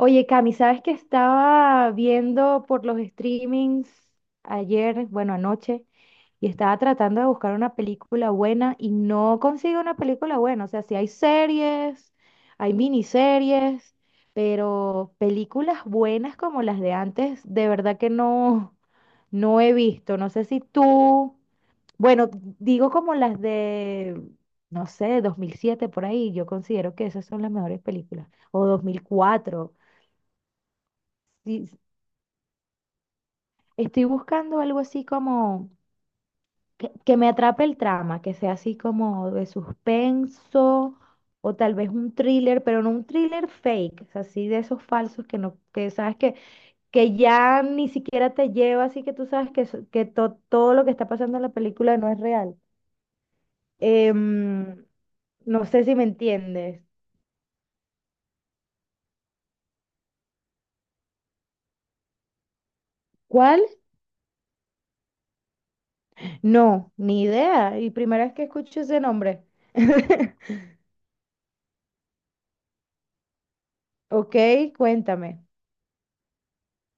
Oye, Cami, ¿sabes que estaba viendo por los streamings ayer, bueno, anoche, y estaba tratando de buscar una película buena y no consigo una película buena? O sea, sí hay series, hay miniseries, pero películas buenas como las de antes, de verdad que no, no he visto. No sé si tú, bueno, digo como las de, no sé, 2007 por ahí, yo considero que esas son las mejores películas, o 2004. Sí, estoy buscando algo así como que me atrape el trama, que sea así como de suspenso o tal vez un thriller, pero no un thriller fake, o sea, así de esos falsos que no, que sabes que ya ni siquiera te lleva, así que tú sabes que, todo lo que está pasando en la película no es real. Em, no sé si me entiendes. ¿Cuál? No, ni idea. Y primera vez que escucho ese nombre. Ok, cuéntame.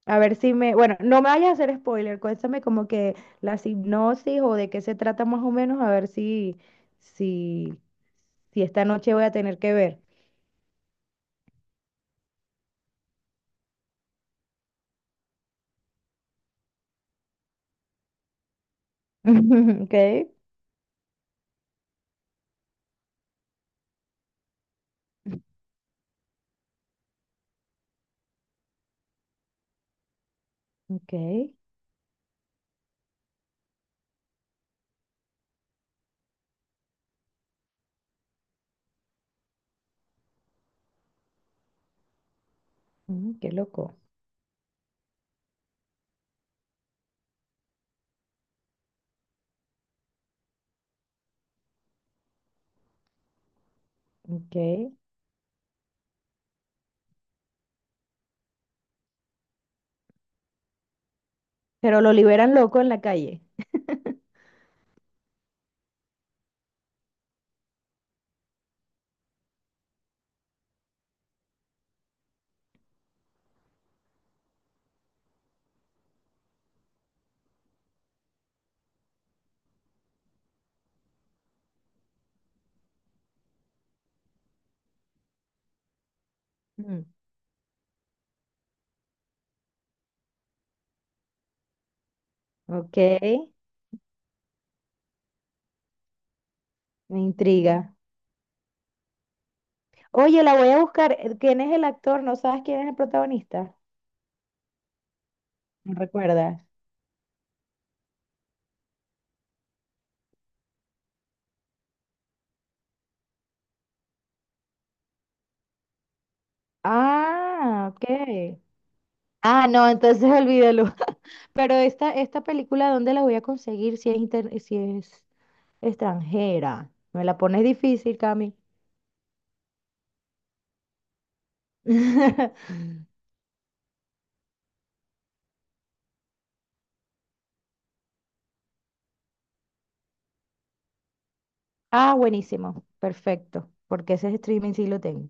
A ver si me, bueno, no me vayas a hacer spoiler, cuéntame como que la hipnosis o de qué se trata más o menos, a ver si, si esta noche voy a tener que ver. Ok, ok, mm, qué loco, ok. Pero lo liberan loco en la calle. Mm, ok, me intriga. Oye, la voy a buscar. Eh, ¿quién es el actor? ¿No sabes quién es el protagonista? ¿Me recuerdas? Ah, ok. Ah, no, entonces olvídalo. Pero esta película, ¿dónde la voy a conseguir si es, extranjera? Me la pones difícil, Cami. Ah, buenísimo. Perfecto. Porque ese streaming sí lo tengo.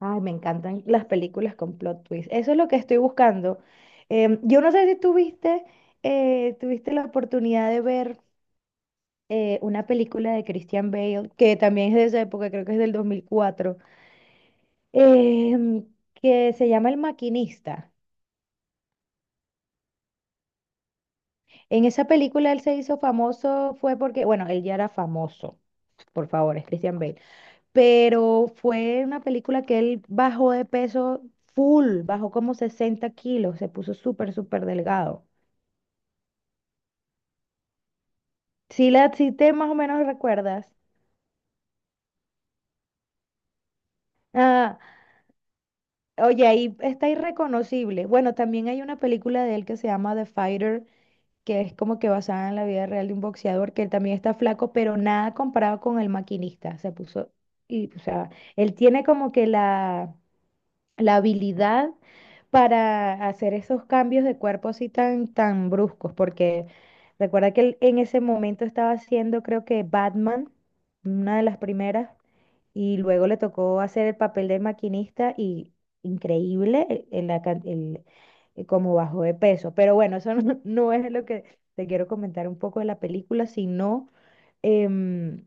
Ay, me encantan las películas con plot twist. Eso es lo que estoy buscando. Yo no sé si tuviste, tuviste la oportunidad de ver una película de Christian Bale, que también es de esa época, creo que es del 2004, em, que se llama El Maquinista. En esa película él se hizo famoso fue porque, bueno, él ya era famoso, por favor, es Christian Bale, pero fue una película que él bajó de peso full, bajó como 60 kilos, se puso súper delgado. Si la, si te más o menos recuerdas. Ah, oye, ahí está irreconocible. Bueno, también hay una película de él que se llama The Fighter, que es como que basada en la vida real de un boxeador, que él también está flaco, pero nada comparado con el maquinista. Se puso, y, o sea, él tiene como que la habilidad para hacer esos cambios de cuerpo así tan bruscos, porque recuerda que él en ese momento estaba haciendo, creo que Batman, una de las primeras, y luego le tocó hacer el papel de maquinista y increíble el la can- el- como bajó de peso. Pero bueno, eso no, no es lo que te quiero comentar un poco de la película, sino em,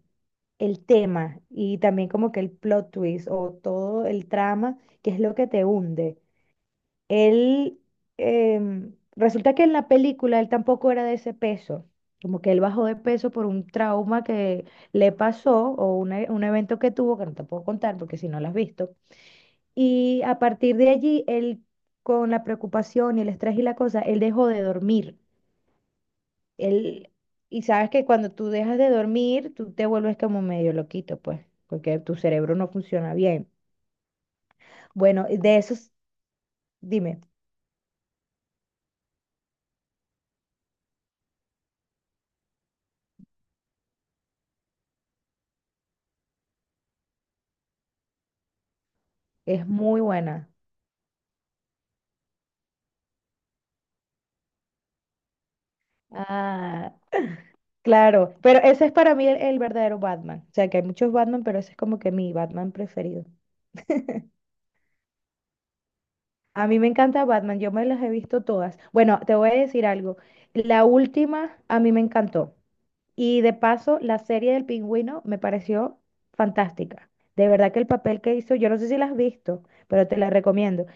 el tema y también como que el plot twist o todo el trama. ¿Qué es lo que te hunde? Él, resulta que en la película él tampoco era de ese peso, como que él bajó de peso por un trauma que le pasó o un evento que tuvo, que no te puedo contar porque si no lo has visto. Y a partir de allí, él, con la preocupación y el estrés y la cosa, él dejó de dormir. Él, y sabes que cuando tú dejas de dormir, tú te vuelves como medio loquito, pues, porque tu cerebro no funciona bien. Bueno, de esos, dime, es muy buena. Ah, claro, pero ese es para mí el verdadero Batman. O sea, que hay muchos Batman, pero ese es como que mi Batman preferido. A mí me encanta Batman, yo me las he visto todas. Bueno, te voy a decir algo. La última a mí me encantó. Y de paso, la serie del pingüino me pareció fantástica. De verdad que el papel que hizo, yo no sé si la has visto, pero te la recomiendo.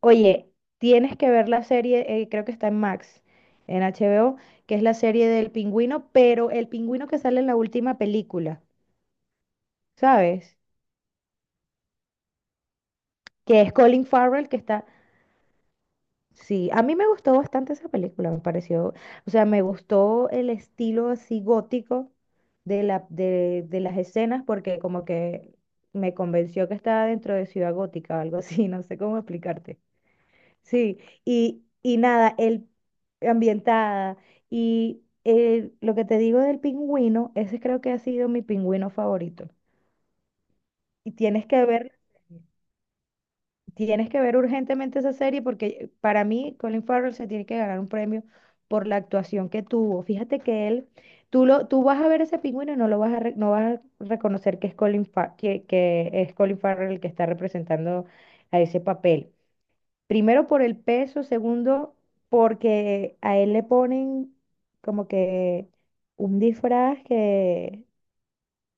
Oye, tienes que ver la serie, creo que está en Max, en HBO, que es la serie del pingüino, pero el pingüino que sale en la última película. ¿Sabes? Que es Colin Farrell que está... Sí, a mí me gustó bastante esa película, me pareció, o sea, me gustó el estilo así gótico de las escenas porque como que me convenció que estaba dentro de Ciudad Gótica o algo así, no sé cómo explicarte. Sí, y nada, el ambientada y lo que te digo del pingüino, ese creo que ha sido mi pingüino favorito. Y tienes que ver. Tienes que ver urgentemente esa serie porque para mí Colin Farrell se tiene que ganar un premio por la actuación que tuvo. Fíjate que él, tú vas a ver ese pingüino y no lo vas no vas a reconocer que es que es Colin Farrell el que está representando a ese papel. Primero por el peso, segundo porque a él le ponen como que un disfraz que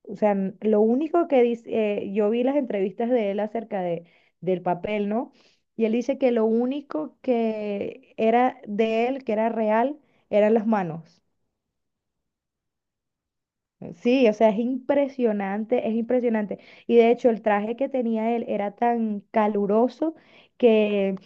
o sea, lo único que dice, yo vi las entrevistas de él acerca de, del papel, ¿no? Y él dice que lo único que era de él, que era real, eran las manos. Sí, o sea, es impresionante, es impresionante. Y de hecho, el traje que tenía él era tan caluroso que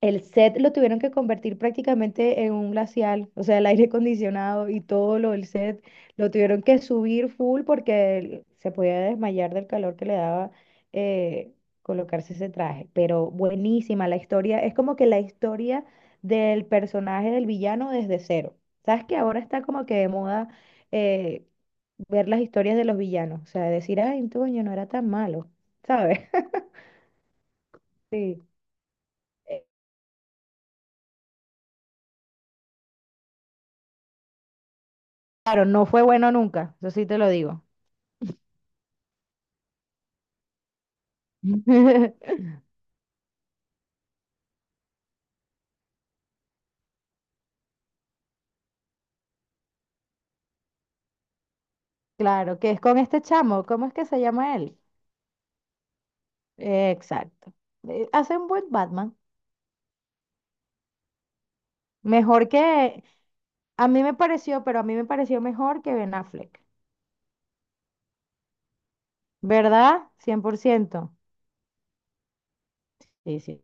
el set lo tuvieron que convertir prácticamente en un glacial, o sea, el aire acondicionado y todo lo del set lo tuvieron que subir full porque él se podía desmayar del calor que le daba eh, colocarse ese traje. Pero buenísima la historia, es como que la historia del personaje del villano desde cero. Sabes que ahora está como que de moda eh, ver las historias de los villanos, o sea, decir, ay, Toño no era tan malo, ¿sabes? Sí. Eh, Claro, no fue bueno nunca, eso sí te lo digo. Claro, que es con este chamo, ¿cómo es que se llama él? Exacto. Hace un buen Batman. Mejor que, a mí me pareció, pero a mí me pareció mejor que Ben Affleck. ¿Verdad? 100%. Sí, sí.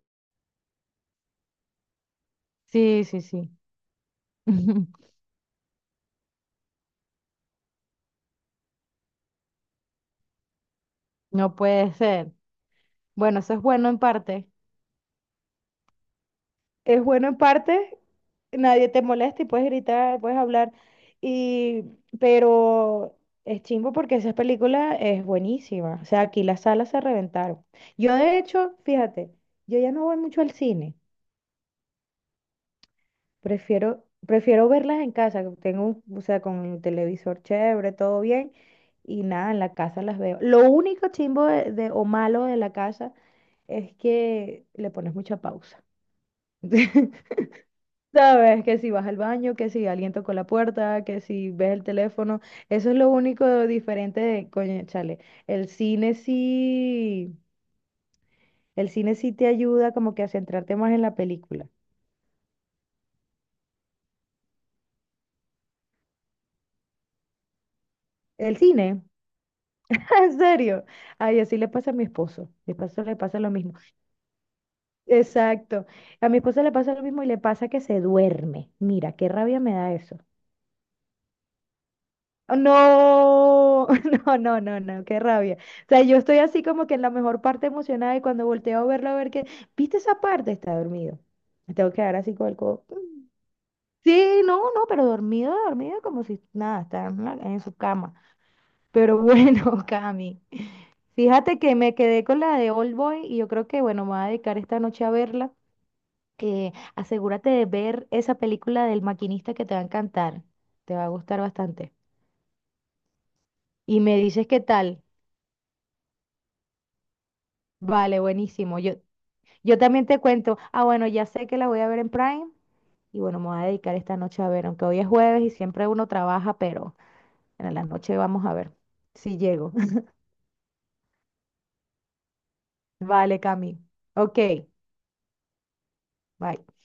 Sí, sí, sí. No puede ser. Bueno, eso es bueno en parte. Es bueno en parte, nadie te molesta y puedes gritar, puedes hablar, y, pero es chimbo porque esa película es buenísima. O sea, aquí las salas se reventaron. Yo de hecho, fíjate, yo ya no voy mucho al cine, prefiero verlas en casa, que tengo, o sea, con el televisor chévere, todo bien, y nada, en la casa las veo. Lo único chimbo o malo de la casa es que le pones mucha pausa. Sabes que si vas al baño, que si alguien tocó la puerta, que si ves el teléfono, eso es lo único diferente de, coño, chale, el cine sí, el cine sí te ayuda como que a centrarte más en la película. El cine, en serio. Ay, así le pasa a mi esposo. Mi esposo le pasa lo mismo. Exacto. A mi esposo le pasa lo mismo y le pasa que se duerme. Mira, qué rabia me da eso. No, no, no, no, no, qué rabia. O sea, yo estoy así como que en la mejor parte emocionada y cuando volteo a verlo, a ver que, ¿viste esa parte? Está dormido. Me tengo que quedar así con el codo. Sí, no, no, pero dormido, dormido, como si nada, está en su cama. Pero bueno, Cami, fíjate que me quedé con la de Old Boy y yo creo que, bueno, me voy a dedicar esta noche a verla. Asegúrate de ver esa película del maquinista que te va a encantar, te va a gustar bastante. Y me dices qué tal. Vale, buenísimo. Yo también te cuento. Ah, bueno, ya sé que la voy a ver en Prime y bueno, me voy a dedicar esta noche a ver, aunque hoy es jueves y siempre uno trabaja, pero en la noche vamos a ver si llego. Vale, Cami. Ok, bye.